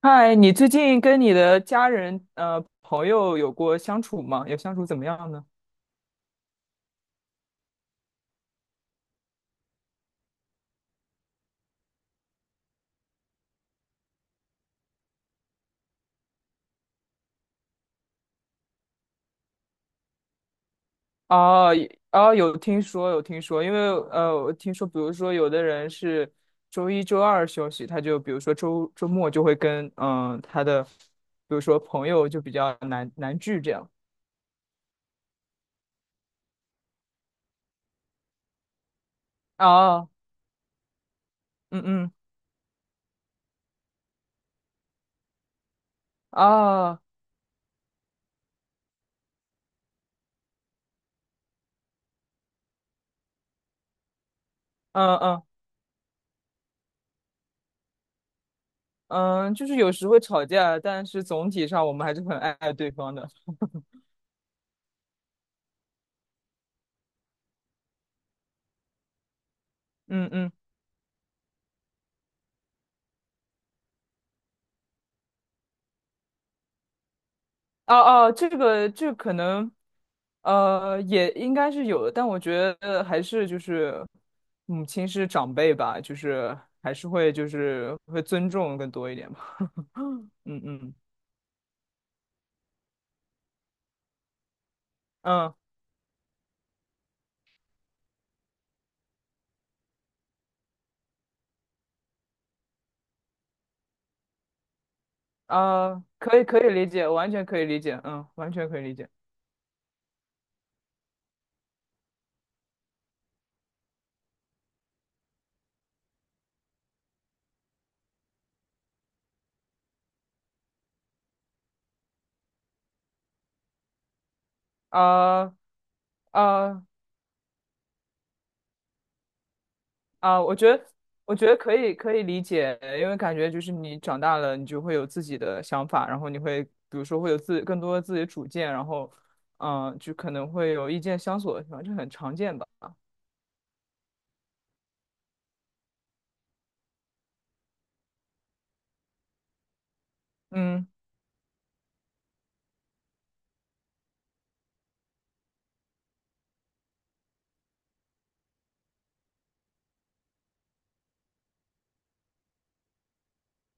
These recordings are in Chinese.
嗨，你最近跟你的家人、朋友有过相处吗？有相处怎么样呢？哦，也哦，有听说，有听说，因为我听说，比如说有的人是周一、周二休息，他就比如说周末就会跟他的，比如说朋友就比较难聚这样。哦，嗯嗯，哦，嗯嗯嗯，就是有时会吵架，但是总体上我们还是很爱对方的。嗯嗯，哦哦，这个这个可能，也应该是有的，但我觉得还是就是母亲是长辈吧，就是还是会就是会尊重更多一点吧。嗯嗯嗯啊，可以理解，完全可以理解，嗯，完全可以理解。啊啊，啊，我觉得,可以，可以理解，因为感觉就是你长大了，你就会有自己的想法，然后你会，比如说会有更多的自己的主见，然后，就可能会有意见相左的地方，这很常见吧。嗯，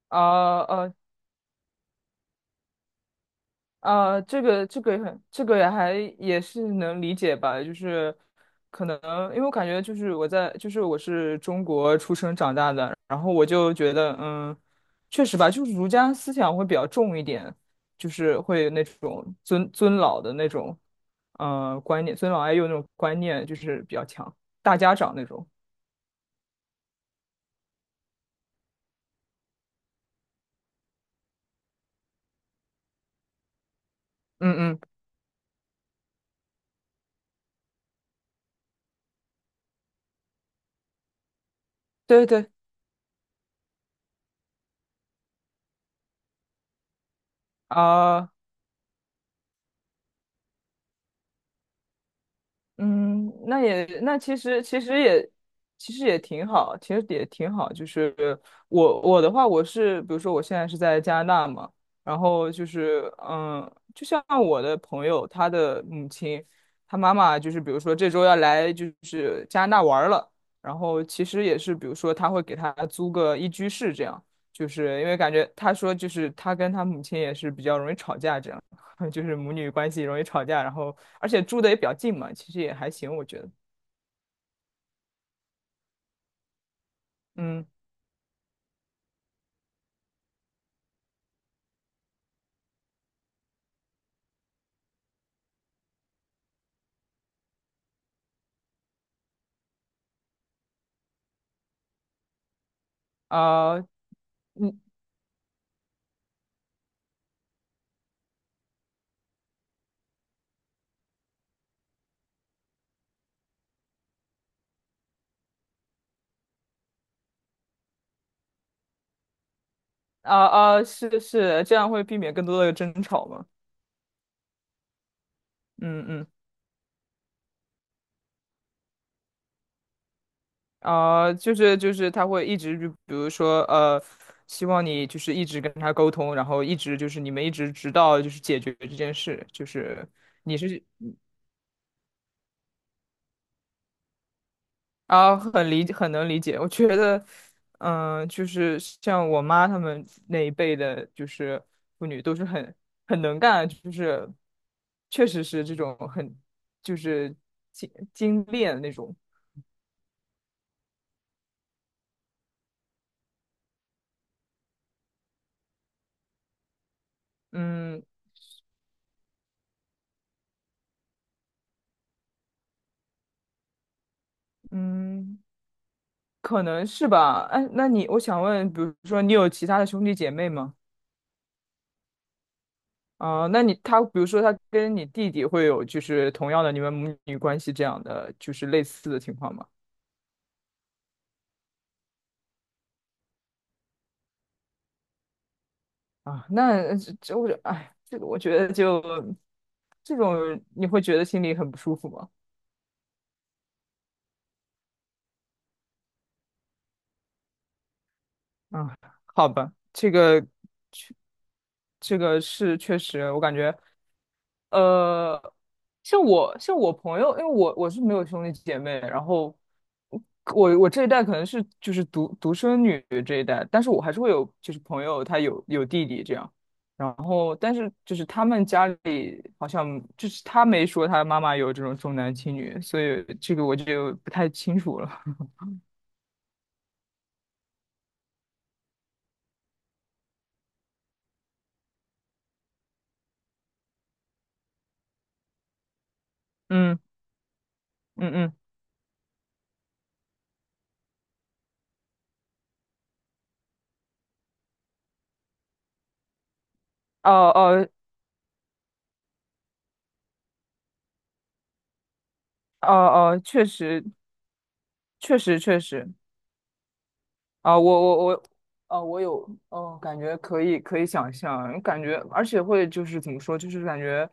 啊，啊，这个这个也很，这个也还也是能理解吧，就是可能因为我感觉就是我在就是我是中国出生长大的，然后我就觉得确实吧，就是儒家思想会比较重一点，就是会那种尊老的那种观念，尊老爱幼那种观念就是比较强，大家长那种，嗯嗯，对对啊。嗯，那其实也挺好，其实也挺好。就是我的话，我是比如说我现在是在加拿大嘛，然后就是就像我的朋友，他的母亲，他妈妈就是比如说这周要来就是加拿大玩儿了，然后其实也是比如说他会给他租个一居室这样，就是因为感觉他说就是他跟他母亲也是比较容易吵架这样。就是母女关系容易吵架，然后而且住的也比较近嘛，其实也还行，我觉得。嗯啊，嗯啊啊，是是，这样会避免更多的争吵嘛。嗯嗯啊，就是他会一直就比如说希望你就是一直跟他沟通，然后一直就是你们一直直到就是解决这件事，就是你是。啊，很能理解。我觉得，就是像我妈他们那一辈的，就是妇女都是很能干，就是确实是这种很就是精炼那种。嗯嗯，可能是吧。哎，那你我想问，比如说你有其他的兄弟姐妹吗？啊、他比如说他跟你弟弟会有就是同样的你们母女关系这样的就是类似的情况吗？啊，那这我哎，这个我觉得就这种你会觉得心里很不舒服吗？啊，好吧，这个这个是确实，我感觉呃，像我朋友，因为我是没有兄弟姐妹，然后我这一代可能是就是独生女这一代，但是我还是会有就是朋友他有弟弟这样，然后但是就是他们家里好像就是他没说他妈妈有这种重男轻女，所以这个我就不太清楚了。嗯嗯嗯，哦哦哦哦，确实确实确实，啊，我我我，啊，我有，哦，感觉可以可以想象，感觉而且会就是怎么说，就是感觉，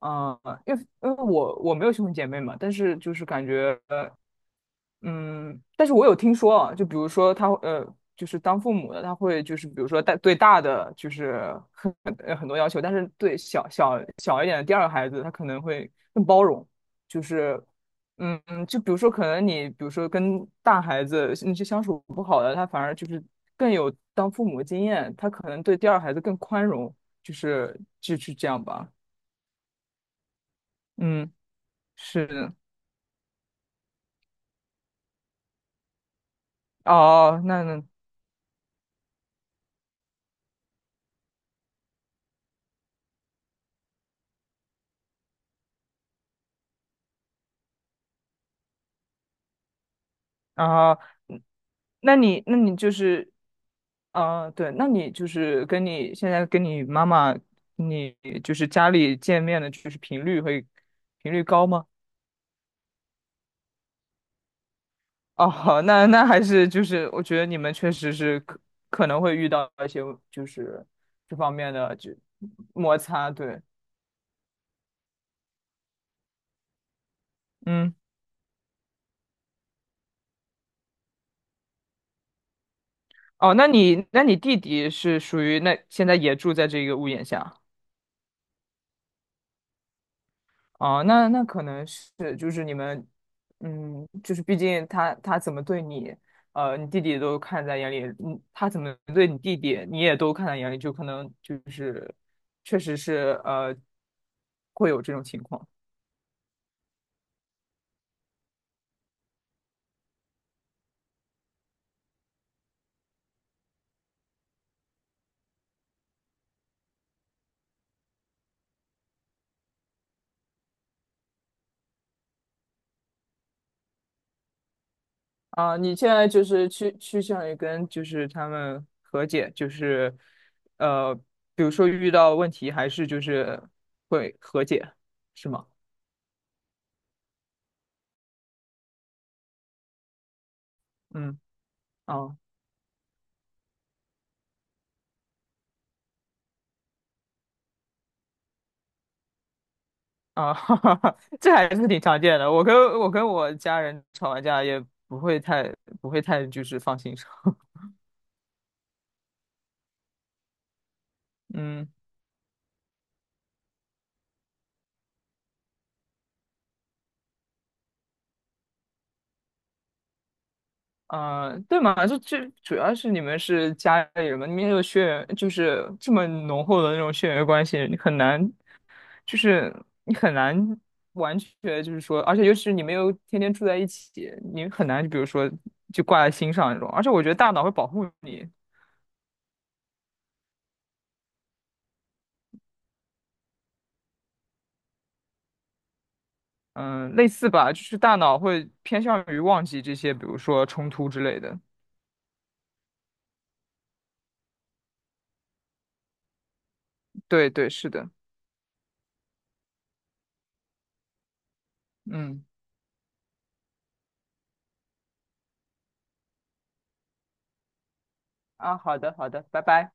嗯、因为我没有兄弟姐妹嘛，但是就是感觉嗯，但是我有听说啊，就比如说他就是当父母的他会就是比如说大的就是很很多要求，但是对小一点的第二个孩子他可能会更包容，就是就比如说可能你比如说跟大孩子那些相处不好的，他反而就是更有当父母的经验，他可能对第二孩子更宽容，就是就是这样吧。嗯，是的。哦，那那啊。嗯那你，就是，啊，对，那你就是跟你现在跟你妈妈，你就是家里见面的，就是频率会频率高吗？哦，好那那还是就是我觉得你们确实是可能会遇到一些就是这方面的就摩擦，对，嗯，哦，那你弟弟是属于那现在也住在这个屋檐下。哦，那那可能是就是你们，嗯，就是毕竟他怎么对你，你弟弟都看在眼里，他怎么对你弟弟，你也都看在眼里，就可能就是确实是会有这种情况啊。你现在就是趋向于跟就是他们和解，就是呃，比如说遇到问题还是就是会和解，是吗？嗯。啊。啊，哈哈哈，这还是挺常见的。我跟我家人吵完架也不会太就是放心上。嗯啊、对嘛，就主要是你们是家里人嘛，你们有血缘，就是这么浓厚的那种血缘关系，你很难就是你很难完全就是说，而且尤其是你们又天天住在一起，你很难就比如说就挂在心上那种。而且我觉得大脑会保护你，嗯，类似吧，就是大脑会偏向于忘记这些，比如说冲突之类的。对对，是的，嗯，啊，好的，好的，拜拜。